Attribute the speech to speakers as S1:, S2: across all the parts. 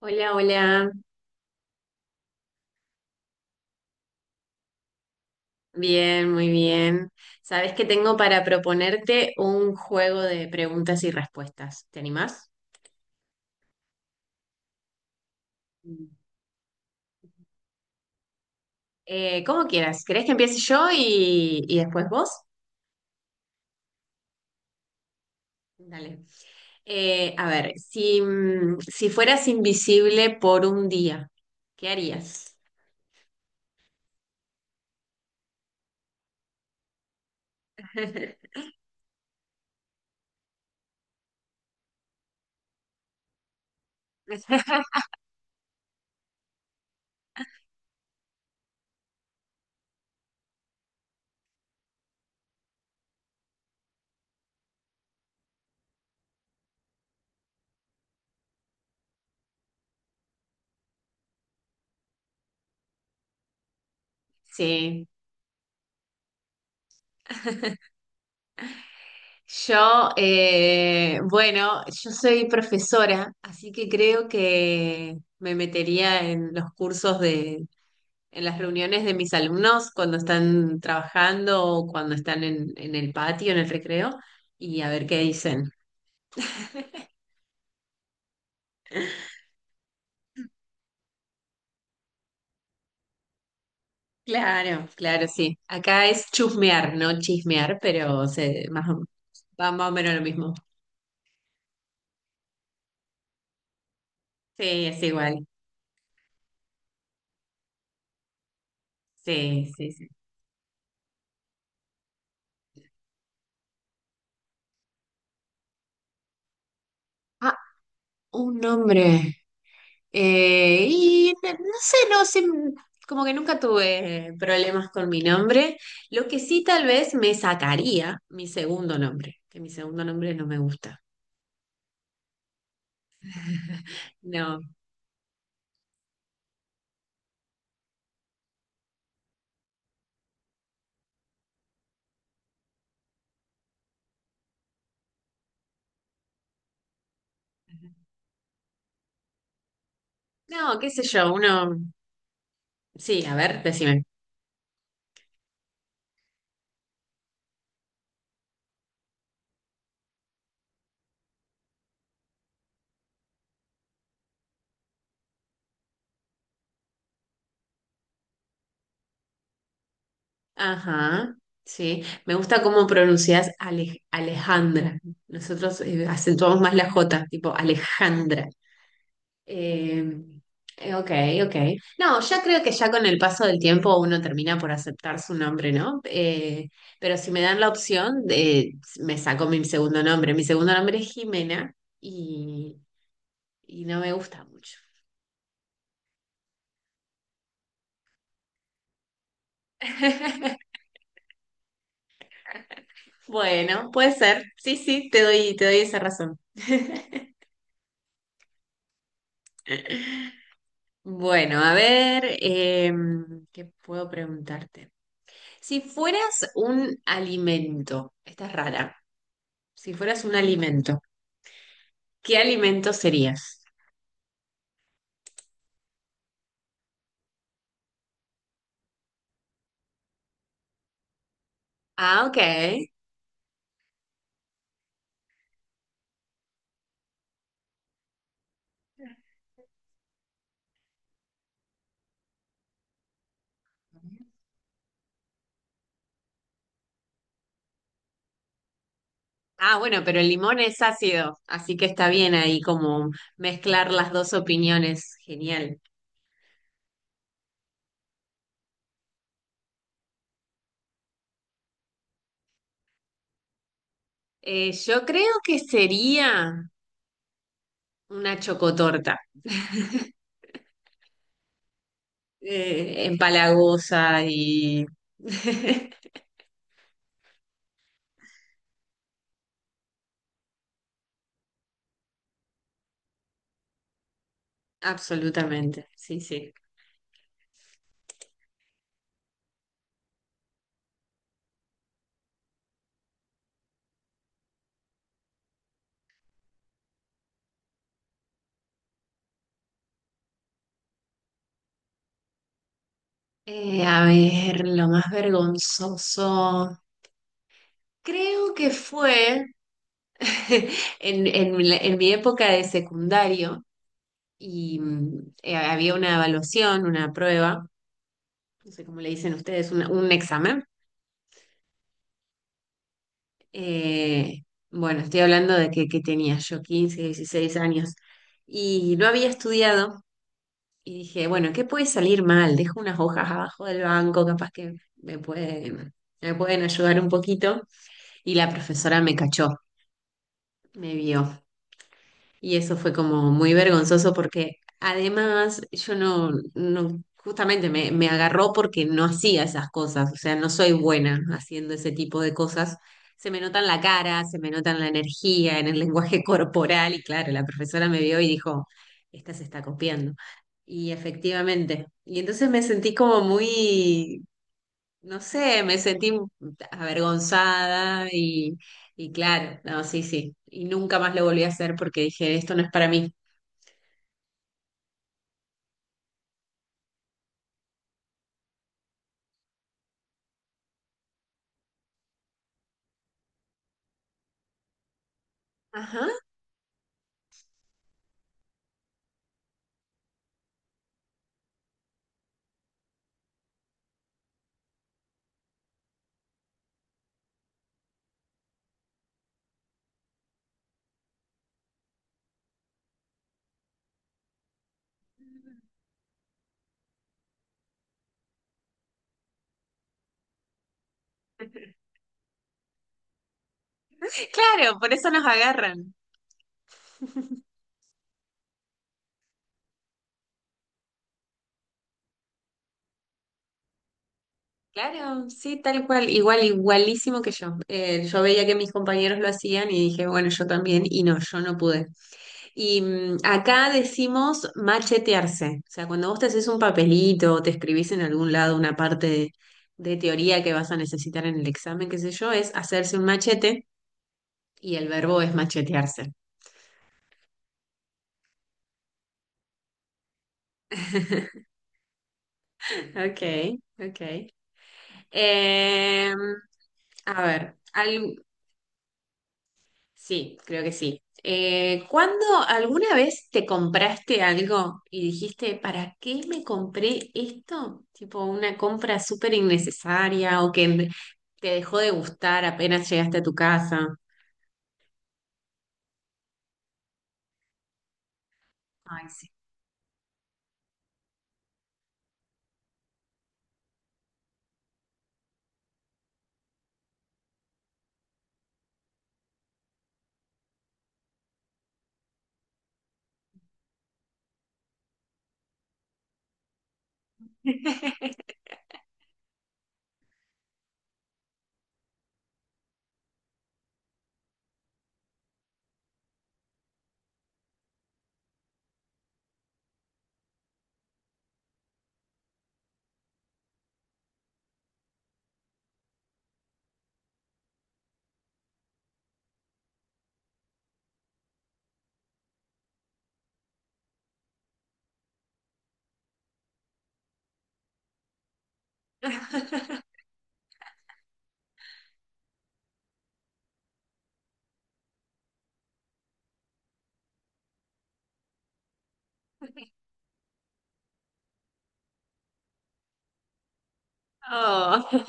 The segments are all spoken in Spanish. S1: Hola, hola. Bien, muy bien. Sabes que tengo para proponerte un juego de preguntas y respuestas. ¿Te animás? Mm. Como quieras. ¿Querés que empiece yo y después vos? Dale. A ver, si fueras invisible por un día, ¿qué harías? Sí. Bueno, yo soy profesora, así que creo que me metería en los cursos de, en las reuniones de mis alumnos cuando están trabajando o cuando están en el patio, en el recreo, y a ver qué dicen. Claro, claro, sí. Acá es chusmear, no chismear, pero se, más, va más o menos lo mismo. Sí, es igual. Sí, sí, sí. Ah, un nombre. Y no sé, como que nunca tuve problemas con mi nombre. Lo que sí tal vez me sacaría mi segundo nombre, que mi segundo nombre no me gusta. No, no, qué sé yo, uno... Sí, a ver, decime. Ajá, sí. Me gusta cómo pronuncias Alejandra. Nosotros acentuamos más la J, tipo Alejandra. Eh, ok, ok. No, ya creo que ya con el paso del tiempo uno termina por aceptar su nombre, ¿no? Pero si me dan la opción, me saco mi segundo nombre. Mi segundo nombre es Jimena y, y no me gusta mucho. Bueno, puede ser. Sí, sí, te doy esa razón. Bueno, a ver, ¿qué puedo preguntarte? Si fueras un alimento, esta es rara, si fueras un alimento, ¿qué alimento serías? Ah, ok. Ah, bueno, pero el limón es ácido, así que está bien ahí como mezclar las dos opiniones. Genial. Yo creo que sería una chocotorta. Empalagosa y... Absolutamente, sí, sí. A ver, lo más vergonzoso creo que fue en mi época de secundario. Y había una evaluación, una prueba, no sé cómo le dicen ustedes, un examen. Eh, bueno, estoy hablando de que tenía yo 15, 16 años y no había estudiado, y dije, bueno, ¿qué puede salir mal? Dejo unas hojas abajo del banco, capaz que me pueden, me pueden ayudar un poquito. Y la profesora me cachó, me vio. Y eso fue como muy vergonzoso porque además yo no justamente me agarró porque no hacía esas cosas, o sea, no soy buena haciendo ese tipo de cosas. Se me nota en la cara, se me nota en la energía, en el lenguaje corporal, y claro, la profesora me vio y dijo, esta se está copiando. Y efectivamente, y entonces me sentí como muy, no sé, me sentí avergonzada y claro, no, sí, sí. Y nunca más lo volví a hacer porque dije, esto no es para mí. Ajá. Claro, por eso nos agarran. Claro, sí, tal cual, igual, igualísimo que yo. Yo veía que mis compañeros lo hacían y dije, bueno, yo también, y no, yo no pude. Y acá decimos machetearse, o sea, cuando vos te haces un papelito o te escribís en algún lado una parte de teoría que vas a necesitar en el examen, qué sé yo, es hacerse un machete. Y el verbo es machetearse. Ok, ok. Em, a ver, sí, creo que sí. ¿Cuándo alguna vez te compraste algo y dijiste, ¿para qué me compré esto? Tipo una compra súper innecesaria o que te dejó de gustar apenas llegaste a tu casa. Ay, sí. Oh.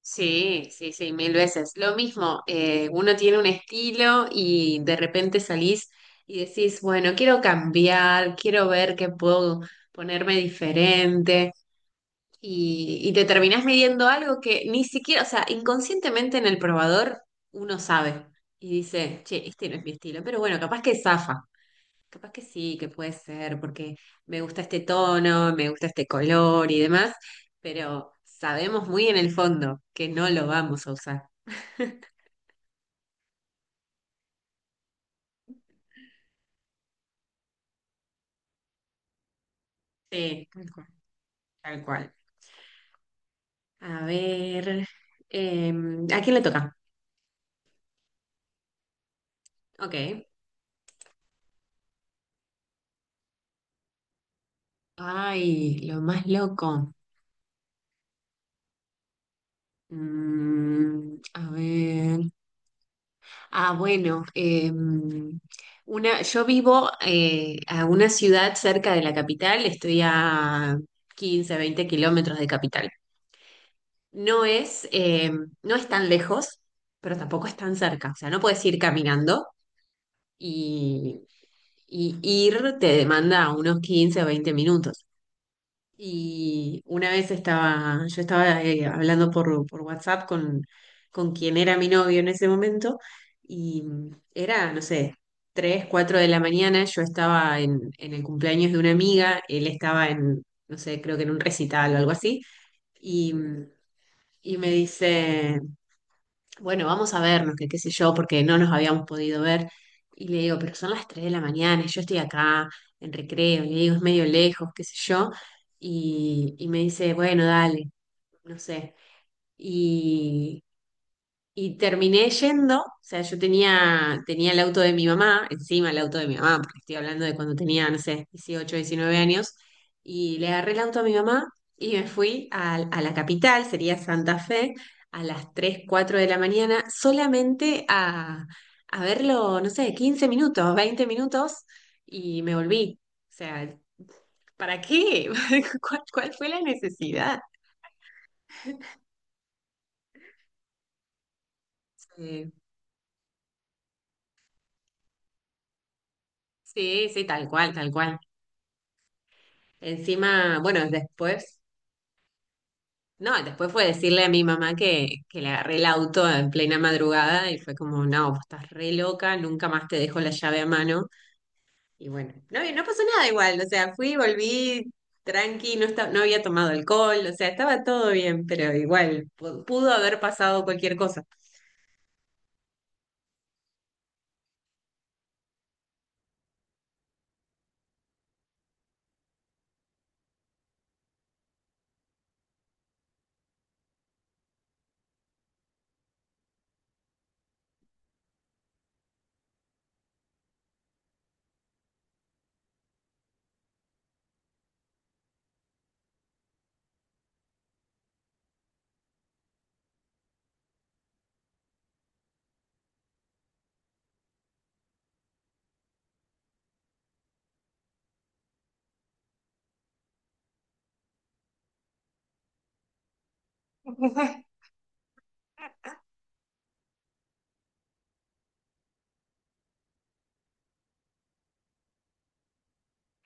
S1: Sí, sí, sí, mil veces. Lo mismo, uno tiene un estilo y de repente salís y decís, bueno, quiero cambiar, quiero ver qué puedo ponerme diferente. Y te terminás midiendo algo que ni siquiera, o sea, inconscientemente en el probador uno sabe y dice, che, este no es mi estilo, pero bueno, capaz que zafa. Capaz que sí, que puede ser, porque me gusta este tono, me gusta este color y demás, pero sabemos muy en el fondo que no lo vamos a usar. Sí, tal cual. Tal cual. A ver, eh, ¿a quién le toca? Ok. Ay, lo más loco. A ver. Ah, bueno, yo vivo a una ciudad cerca de la capital, estoy a 15-20 kilómetros de capital. No es, eh, no es tan lejos, pero tampoco es tan cerca. O sea, no puedes ir caminando, y, y ir te demanda unos 15 o 20 minutos. Y una vez yo estaba hablando por WhatsApp con quien era mi novio en ese momento, y era, no sé, 3-4 de la mañana, yo estaba en el cumpleaños de una amiga, él estaba en, no sé, creo que en un recital o algo así, y, y me dice, bueno, vamos a vernos, que qué sé yo, porque no nos habíamos podido ver. Y le digo, pero son las 3 de la mañana, y yo estoy acá en recreo, y le digo, es medio lejos, qué sé yo. Y me dice, bueno, dale, no sé. Y terminé yendo, o sea, yo tenía el auto de mi mamá, encima el auto de mi mamá, porque estoy hablando de cuando tenía, no sé, 18-19 años, y le agarré el auto a mi mamá, y me fui a la capital, sería Santa Fe, a las 3-4 de la mañana, solamente a verlo, no sé, 15 minutos, 20 minutos, y me volví. O sea, ¿para qué? ¿¿Cuál fue la necesidad? Sí, sí, sí, tal cual, tal cual. Encima, bueno, después, no, después fue decirle a mi mamá que le agarré el auto en plena madrugada, y fue como, no, vos estás re loca, nunca más te dejo la llave a mano. Y bueno, no, no pasó nada igual, o sea, fui, volví tranqui, no, no había tomado alcohol, o sea, estaba todo bien, pero igual, pudo haber pasado cualquier cosa.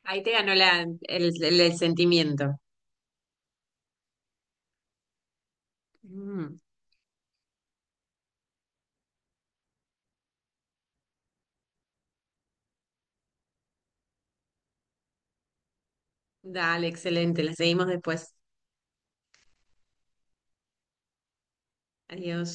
S1: Ahí te ganó el sentimiento. Mm, Dale, excelente, la seguimos después. Adiós.